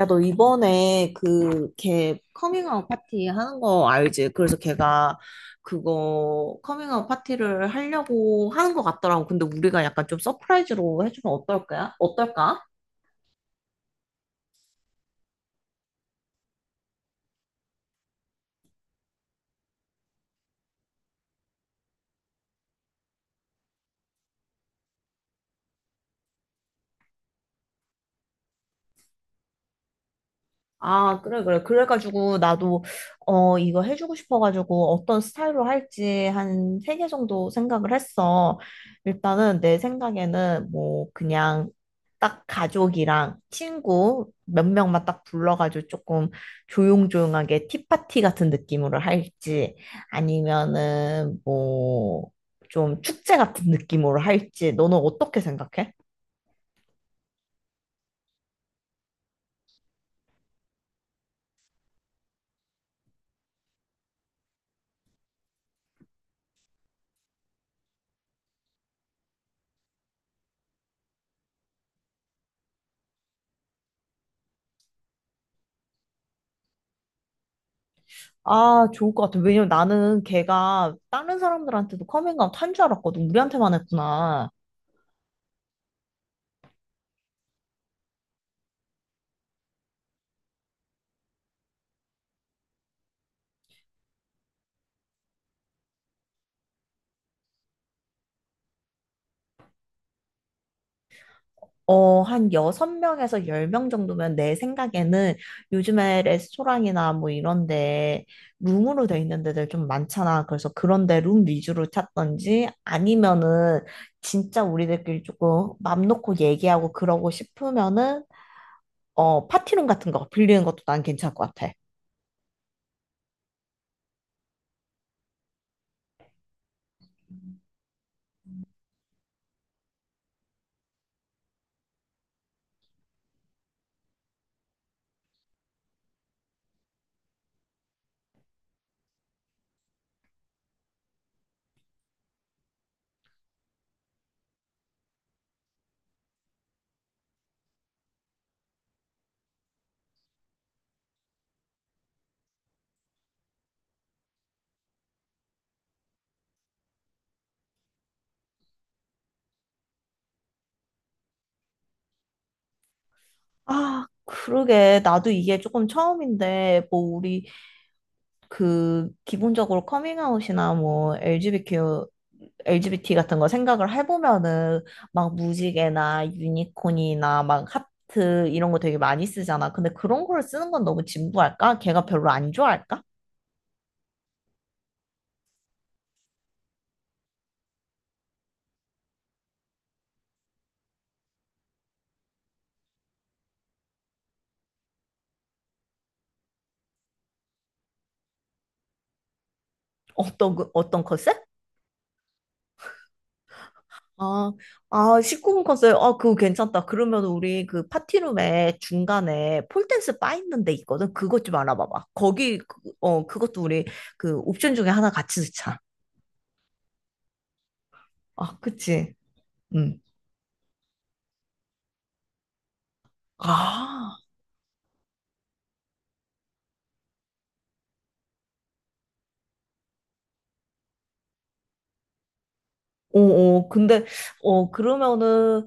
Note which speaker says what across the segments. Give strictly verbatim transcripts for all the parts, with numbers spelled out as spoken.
Speaker 1: 야, 너 이번에 그, 걔 커밍아웃 파티 하는 거 알지? 그래서 걔가 그거 커밍아웃 파티를 하려고 하는 것 같더라고. 근데 우리가 약간 좀 서프라이즈로 해주면 어떨까? 어떨까? 아, 그래, 그래. 그래가지고, 나도, 어, 이거 해주고 싶어가지고, 어떤 스타일로 할지 한 세 개 정도 생각을 했어. 일단은, 내 생각에는, 뭐, 그냥, 딱 가족이랑 친구 몇 명만 딱 불러가지고 조금 조용조용하게 티파티 같은 느낌으로 할지, 아니면은, 뭐, 좀 축제 같은 느낌으로 할지, 너는 어떻게 생각해? 아, 좋을 것 같아. 왜냐면 나는 걔가 다른 사람들한테도 커밍아웃 한 줄 알았거든. 우리한테만 했구나. 어, 한 여섯 명에서 열 명 정도면 내 생각에는 요즘에 레스토랑이나 뭐 이런데 룸으로 돼 있는 데들 좀 많잖아. 그래서 그런데 룸 위주로 찾던지 아니면은 진짜 우리들끼리 조금 맘 놓고 얘기하고 그러고 싶으면은 어, 파티룸 같은 거 빌리는 것도 난 괜찮을 것 같아. 아, 그러게. 나도 이게 조금 처음인데, 뭐, 우리 그 기본적으로 커밍아웃이나 뭐 엘지비티큐 엘지비티 같은 거 생각을 해보면은 막 무지개나 유니콘이나 막 하트 이런 거 되게 많이 쓰잖아. 근데 그런 걸 쓰는 건 너무 진부할까? 걔가 별로 안 좋아할까? 어떤 그- 어떤 컨셉? 아, 아, 십구 금 컨셉. 아, 그거 괜찮다. 그러면 우리 그 파티룸에 중간에 폴댄스 바 있는 데 있거든. 그것 좀 알아봐봐. 거기, 그- 어, 그것도 우리 그 옵션 중에 하나 같이 넣자. 아, 그치. 응. 아, 어, 어, 근데, 어, 그러면은,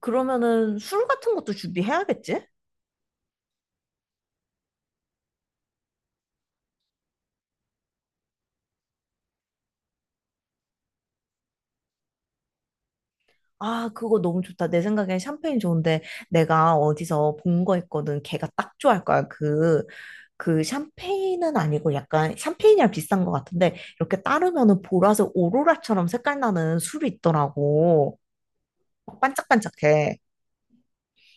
Speaker 1: 그러면은 술 같은 것도 준비해야겠지? 아, 그거 너무 좋다. 내 생각엔 샴페인 좋은데, 내가 어디서 본 거 있거든. 걔가 딱 좋아할 거야. 그, 그 샴페인은 아니고 약간 샴페인이랑 비싼 것 같은데, 이렇게 따르면은 보라색 오로라처럼 색깔 나는 술이 있더라고. 막 반짝반짝해.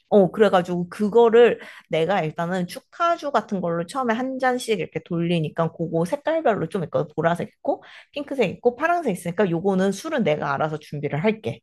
Speaker 1: 어, 그래가지고 그거를 내가 일단은 축하주 같은 걸로 처음에 한 잔씩 이렇게 돌리니까 그거 색깔별로 좀 있거든. 보라색 있고, 핑크색 있고, 파란색 있으니까 요거는 술은 내가 알아서 준비를 할게.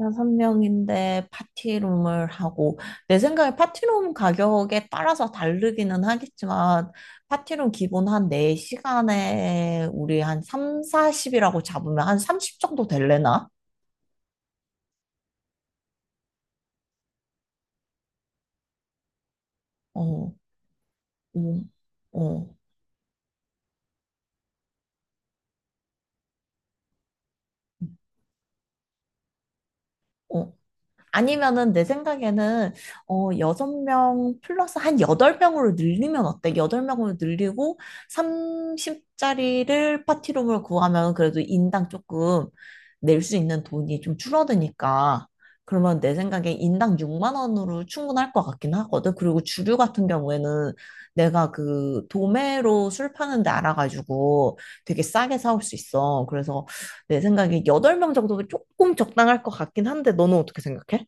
Speaker 1: 여섯 명인데 파티룸을 하고, 내 생각에 파티룸 가격에 따라서 다르기는 하겠지만, 파티룸 기본 한 네 시간에 우리 한 삼, 사십이라고 잡으면 한 삼십 정도 될래나? 어, 어, 어. 어. 아니면은 내 생각에는 어 여섯 명 플러스 한 여덟 명으로 늘리면 어때? 여덟 명으로 늘리고 삼십짜리를 파티룸을 구하면 그래도 인당 조금 낼 수 있는 돈이 좀 줄어드니까 그러면 내 생각에 인당 육만 원으로 충분할 것 같긴 하거든. 그리고 주류 같은 경우에는 내가 그 도매로 술 파는 데 알아가지고 되게 싸게 사올 수 있어. 그래서 내 생각에 여덟 명 정도면 조금 적당할 것 같긴 한데, 너는 어떻게 생각해?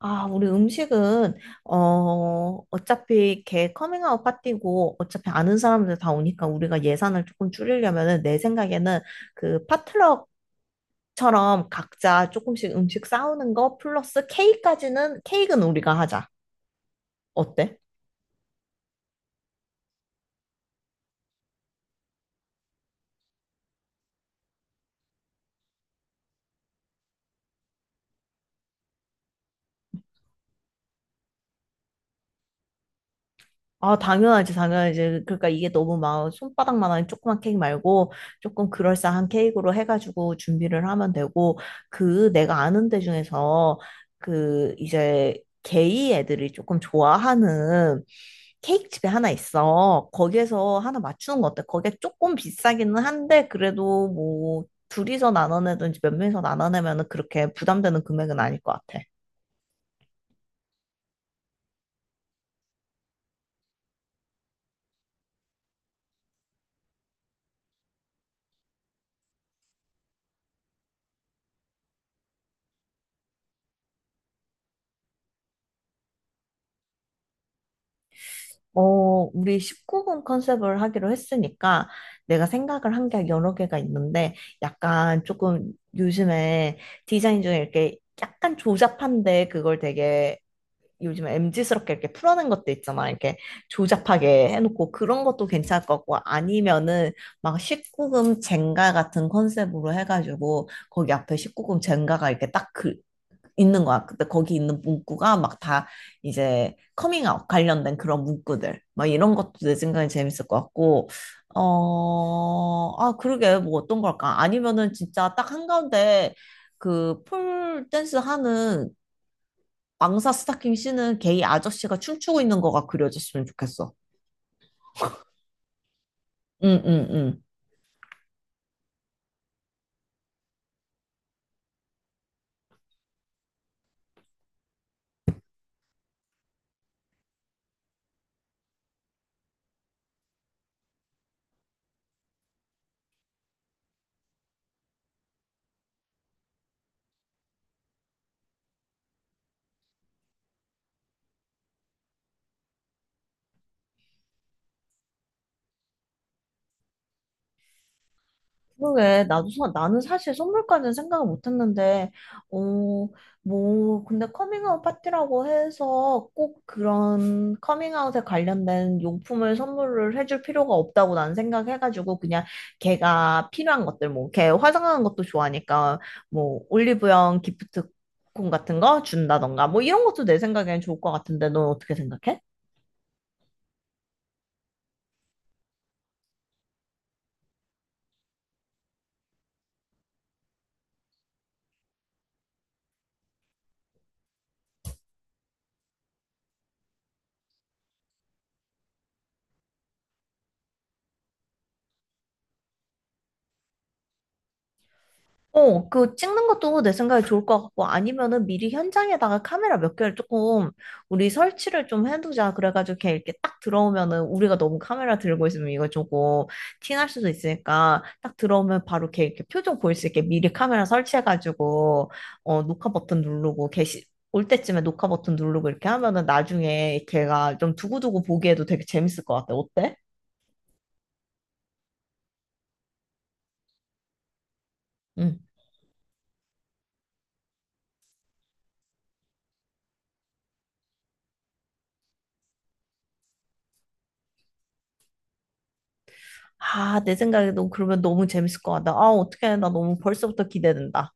Speaker 1: 아, 우리 음식은, 어, 어차피 걔 커밍아웃 파티고, 어차피 아는 사람들 다 오니까 우리가 예산을 조금 줄이려면은, 내 생각에는 그 파트럭처럼 각자 조금씩 음식 싸우는 거 플러스 케이크까지는, 케이크는 우리가 하자. 어때? 아, 당연하지, 당연하지. 그러니까 이게 너무 막 손바닥만한 조그만 케이크 말고 조금 그럴싸한 케이크로 해가지고 준비를 하면 되고, 그 내가 아는 데 중에서 그 이제 게이 애들이 조금 좋아하는 케이크 집이 하나 있어. 거기에서 하나 맞추는 거 어때? 거기에 조금 비싸기는 한데, 그래도 뭐 둘이서 나눠내든지 몇 명이서 나눠내면은 그렇게 부담되는 금액은 아닐 것 같아. 어, 우리 십구 금 컨셉을 하기로 했으니까 내가 생각을 한 게 여러 개가 있는데 약간 조금 요즘에 디자인 중에 이렇게 약간 조잡한데 그걸 되게 요즘 m 지스럽게 이렇게 풀어낸 것도 있잖아. 이렇게 조잡하게 해놓고 그런 것도 괜찮을 것 같고 아니면은 막 십구 금 젠가 같은 컨셉으로 해가지고 거기 앞에 십구 금 젠가가 이렇게 딱 그, 있는 거야. 근데 거기 있는 문구가 막 다 이제 커밍아웃 관련된 그런 문구들. 막 이런 것도 내 생각에 재밌을 것 같고, 어, 아, 그러게, 뭐 어떤 걸까? 아니면은 진짜 딱 한가운데 그 폴 댄스 하는 망사 스타킹 신은 게이 아저씨가 춤추고 있는 거가 그려졌으면 좋겠어. 응, 응, 응. 그러게, 나도, 사- 나는 사실 선물까지는 생각을 못 했는데, 어, 뭐, 근데 커밍아웃 파티라고 해서 꼭 그런 커밍아웃에 관련된 용품을 선물을 해줄 필요가 없다고 난 생각해가지고, 그냥 걔가 필요한 것들, 뭐, 걔 화장하는 것도 좋아하니까, 뭐, 올리브영 기프트콘 같은 거 준다던가, 뭐, 이런 것도 내 생각엔 좋을 것 같은데, 넌 어떻게 생각해? 어, 그 찍는 것도 내 생각에 좋을 것 같고 아니면은 미리 현장에다가 카메라 몇 개를 조금 우리 설치를 좀 해두자. 그래가지고 걔 이렇게 딱 들어오면은 우리가 너무 카메라 들고 있으면 이거 조금 티날 수도 있으니까 딱 들어오면 바로 걔 이렇게 표정 보일 수 있게 미리 카메라 설치해가지고 어, 녹화 버튼 누르고 걔 시- 올 때쯤에 녹화 버튼 누르고 이렇게 하면은 나중에 걔가 좀 두고두고 보기에도 되게 재밌을 것 같아. 어때? 응. 아, 내 생각에도 그러면 너무 재밌을 것 같다. 아, 어떡해. 나 너무 벌써부터 기대된다.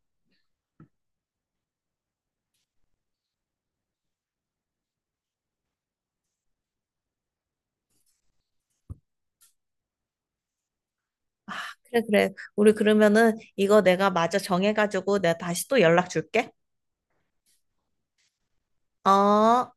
Speaker 1: 그래, 그래. 우리 그러면은 이거 내가 마저 정해가지고 내가 다시 또 연락 줄게. 어.